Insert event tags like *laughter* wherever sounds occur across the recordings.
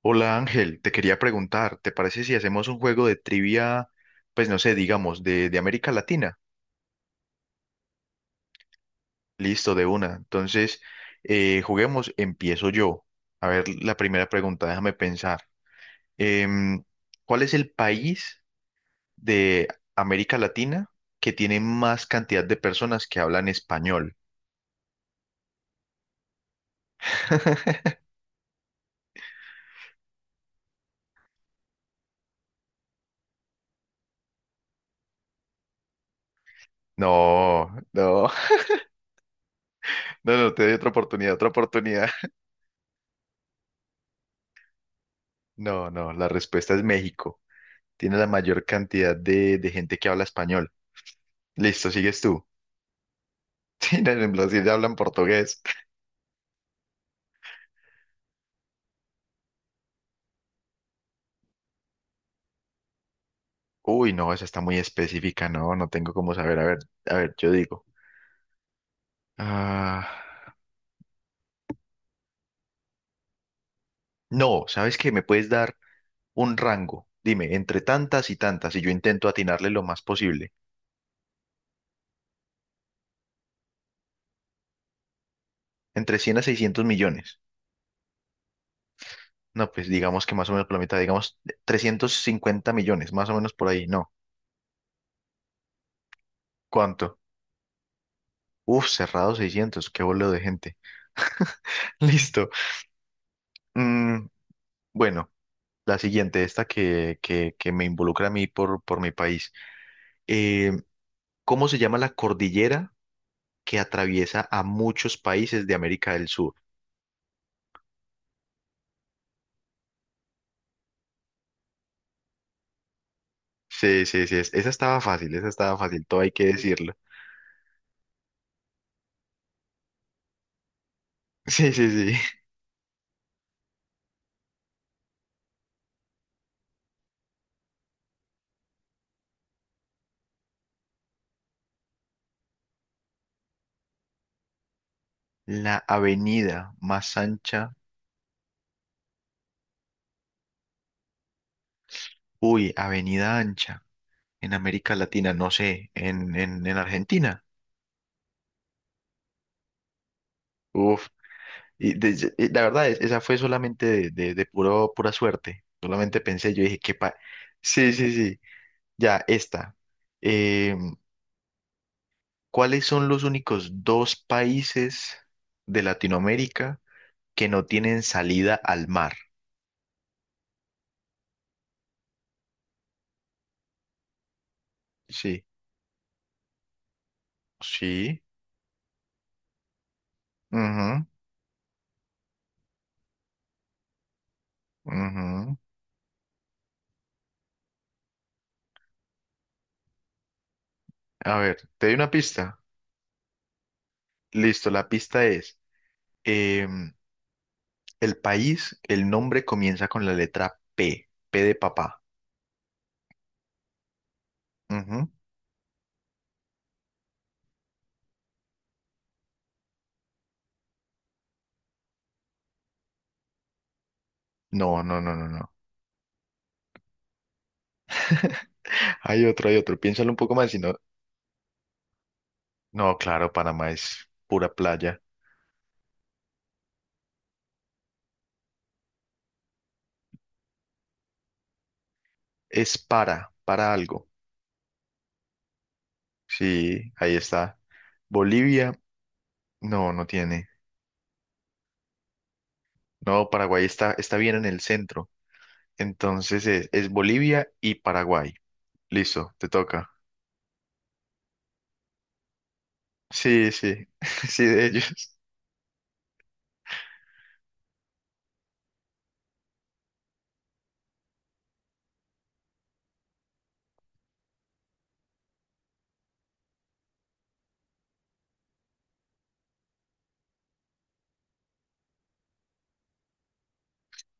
Hola Ángel, te quería preguntar, ¿te parece si hacemos un juego de trivia, pues no sé, digamos, de América Latina? Listo, de una. Entonces, juguemos, empiezo yo. A ver, la primera pregunta, déjame pensar. Em, ¿Cuál es el país de América Latina que tiene más cantidad de personas que hablan español? *laughs* No, no, no, no, te doy otra oportunidad, otra oportunidad. *laughs* No, no, la respuesta es México. Tiene la mayor cantidad de gente que habla español. Listo, sigues tú. *laughs* Sí, no, en Brasil ya hablan portugués. Uy, no, esa está muy específica, no, no tengo cómo saber. A ver, yo digo. Ah, no, ¿sabes qué? Me puedes dar un rango. Dime, entre tantas y tantas, y yo intento atinarle lo más posible. Entre 100 a 600 millones. No, pues digamos que más o menos por la mitad, digamos 350 millones, más o menos por ahí. No, ¿cuánto? Uf, cerrado 600. Qué bolo de gente. *laughs* Listo. Mm, bueno. La siguiente, esta que me involucra a mí por mi país. Eh, ¿Cómo se llama la cordillera que atraviesa a muchos países de América del Sur? Sí, sí, sí, esa estaba fácil, todo hay que decirlo. *laughs* Sí, sí, sí. La avenida más ancha, uy, avenida ancha, en América Latina, no sé, en Argentina. Uf, y la verdad, esa fue solamente de pura suerte. Solamente pensé, yo dije, qué pa... Sí, sí, sí. Ya, esta. Eh, ¿Cuáles son los únicos dos países de Latinoamérica que no tienen salida al mar? Sí, sí. Ujú, ujú. A ver, te doy una pista. Listo, la pista es, em, el país, el nombre comienza con la letra P, P de papá. Ujú. No, no, no, no, no. *laughs* Hay otro, hay otro. Piénsalo un poco más, si no. No, claro, Panamá es pura playa. Es para algo. Sí, ahí está. Bolivia, no, no tiene. No, Paraguay está, está bien en el centro. Entonces es Bolivia y Paraguay. Listo, te toca. Sí, sí, *laughs* sí, de ellos.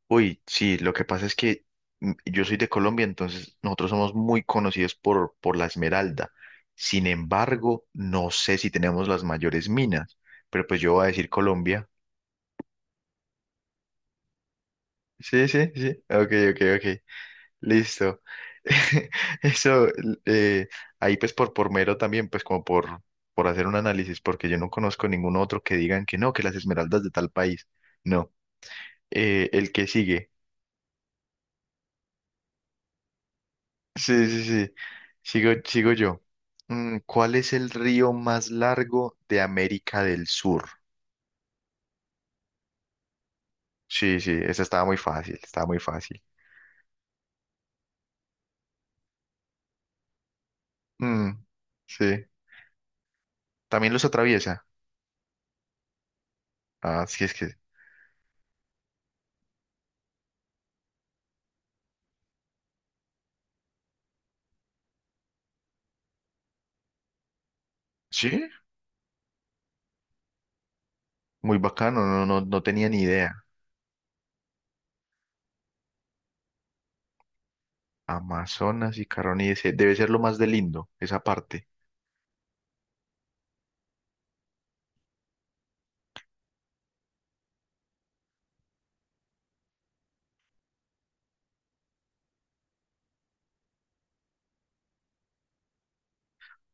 Uy, sí, lo que pasa es que mm, yo soy de Colombia, entonces nosotros somos muy conocidos por la Esmeralda. Sin embargo, no sé si tenemos las mayores minas, pero pues yo voy a decir Colombia. Sí, sí, sí. Ok, ok, ok. Listo. *laughs* Eso, eh, ahí pues por mero también, pues como por hacer un análisis, porque yo no conozco ningún otro que digan que no, que las esmeraldas de tal país. No. El que sigue. Sí, sí, sí. Sigo, sigo yo. ¿Cuál es el río más largo de América del Sur? Sí, sí, esa estaba muy fácil, estaba muy fácil. Mm, sí. ¿También los atraviesa? Ah, sí, es que... Sí, muy bacano, no, no, no tenía ni idea. Amazonas y Caroni, ese debe ser lo más de lindo, esa parte.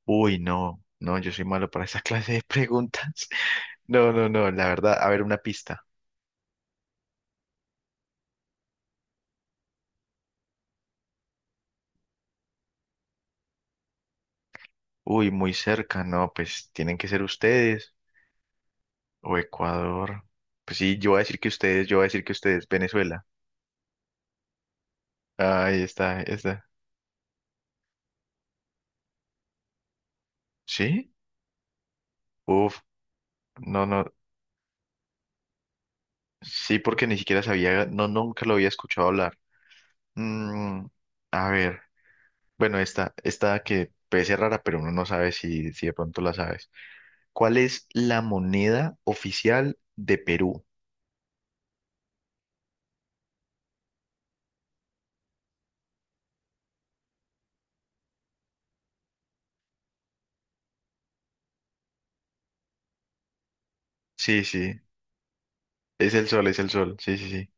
Uy, no, no, yo soy malo para *laughs* esa clase de preguntas. *laughs* No, no, no, la verdad, a ver una pista. Uy, muy cerca, no, pues tienen que ser ustedes o Ecuador. Pues sí, yo voy a decir que ustedes, yo voy a decir que ustedes, Venezuela. Ah, ahí está, ahí está. ¿Sí? Uf, no, no, sí, porque ni siquiera sabía, no, nunca lo había escuchado hablar. Mm, a ver, bueno, esta que puede ser rara, pero uno no sabe si, de pronto la sabes. ¿Cuál es la moneda oficial de Perú? Sí, sí, es el sol, es el sol. Sí, sí, sí.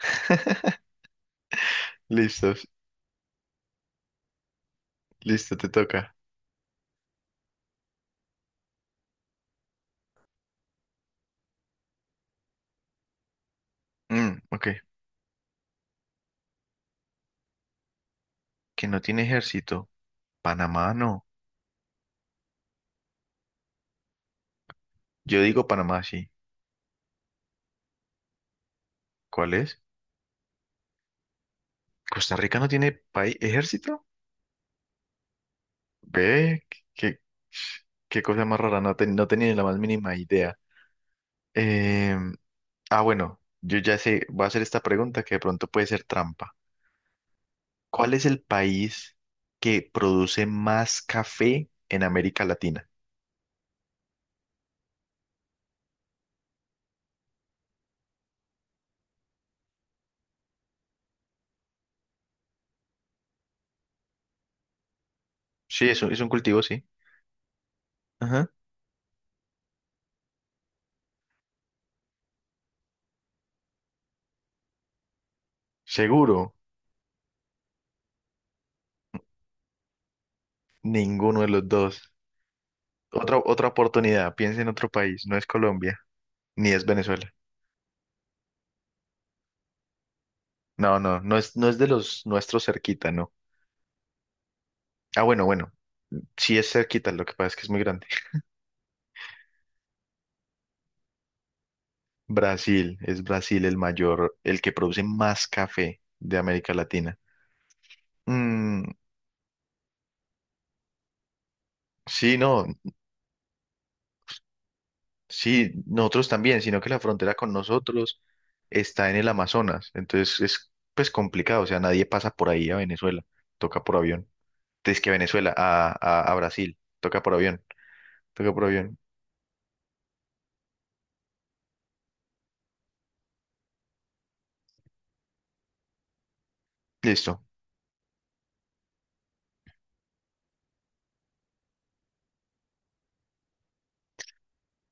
*laughs* Listos, listo, te toca. Mm, ok. Que no tiene ejército. Panamá no. Yo digo Panamá, sí. ¿Cuál es? ¿Costa Rica no tiene país ejército? Ve, qué, qué cosa más rara, no, ten- no tenía ni la más mínima idea. Em, ah, bueno, yo ya sé, voy a hacer esta pregunta que de pronto puede ser trampa. ¿Cuál es el país que produce más café en América Latina? Sí, es un cultivo, sí. Ajá. Seguro, ninguno de los dos. Otra oportunidad, piensa en otro país, no es Colombia, ni es Venezuela. No, no, no es, no es de los nuestros cerquita, no. Ah, bueno, bueno, sí es cerquita, lo que pasa es que es muy grande. *laughs* Brasil, es Brasil el mayor, el que produce más café de América Latina. Mm, sí, no, sí, nosotros también, sino que la frontera con nosotros está en el Amazonas, entonces es pues complicado, o sea, nadie pasa por ahí a Venezuela, toca por avión. Es que Venezuela a Brasil, toca por avión, toca por avión. Listo,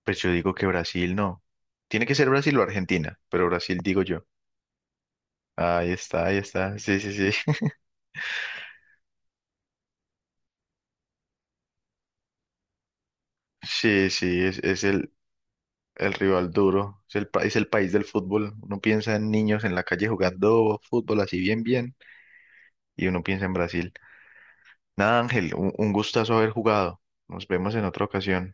pues yo digo que Brasil no. Tiene que ser Brasil o Argentina, pero Brasil digo yo. Ahí está, sí, sí, sí. *laughs* Sí, sí, es el, rival duro, es el país del fútbol. Uno piensa en niños en la calle jugando fútbol así bien, bien, y uno piensa en Brasil. Nada, Ángel, un gustazo haber jugado. Nos vemos en otra ocasión.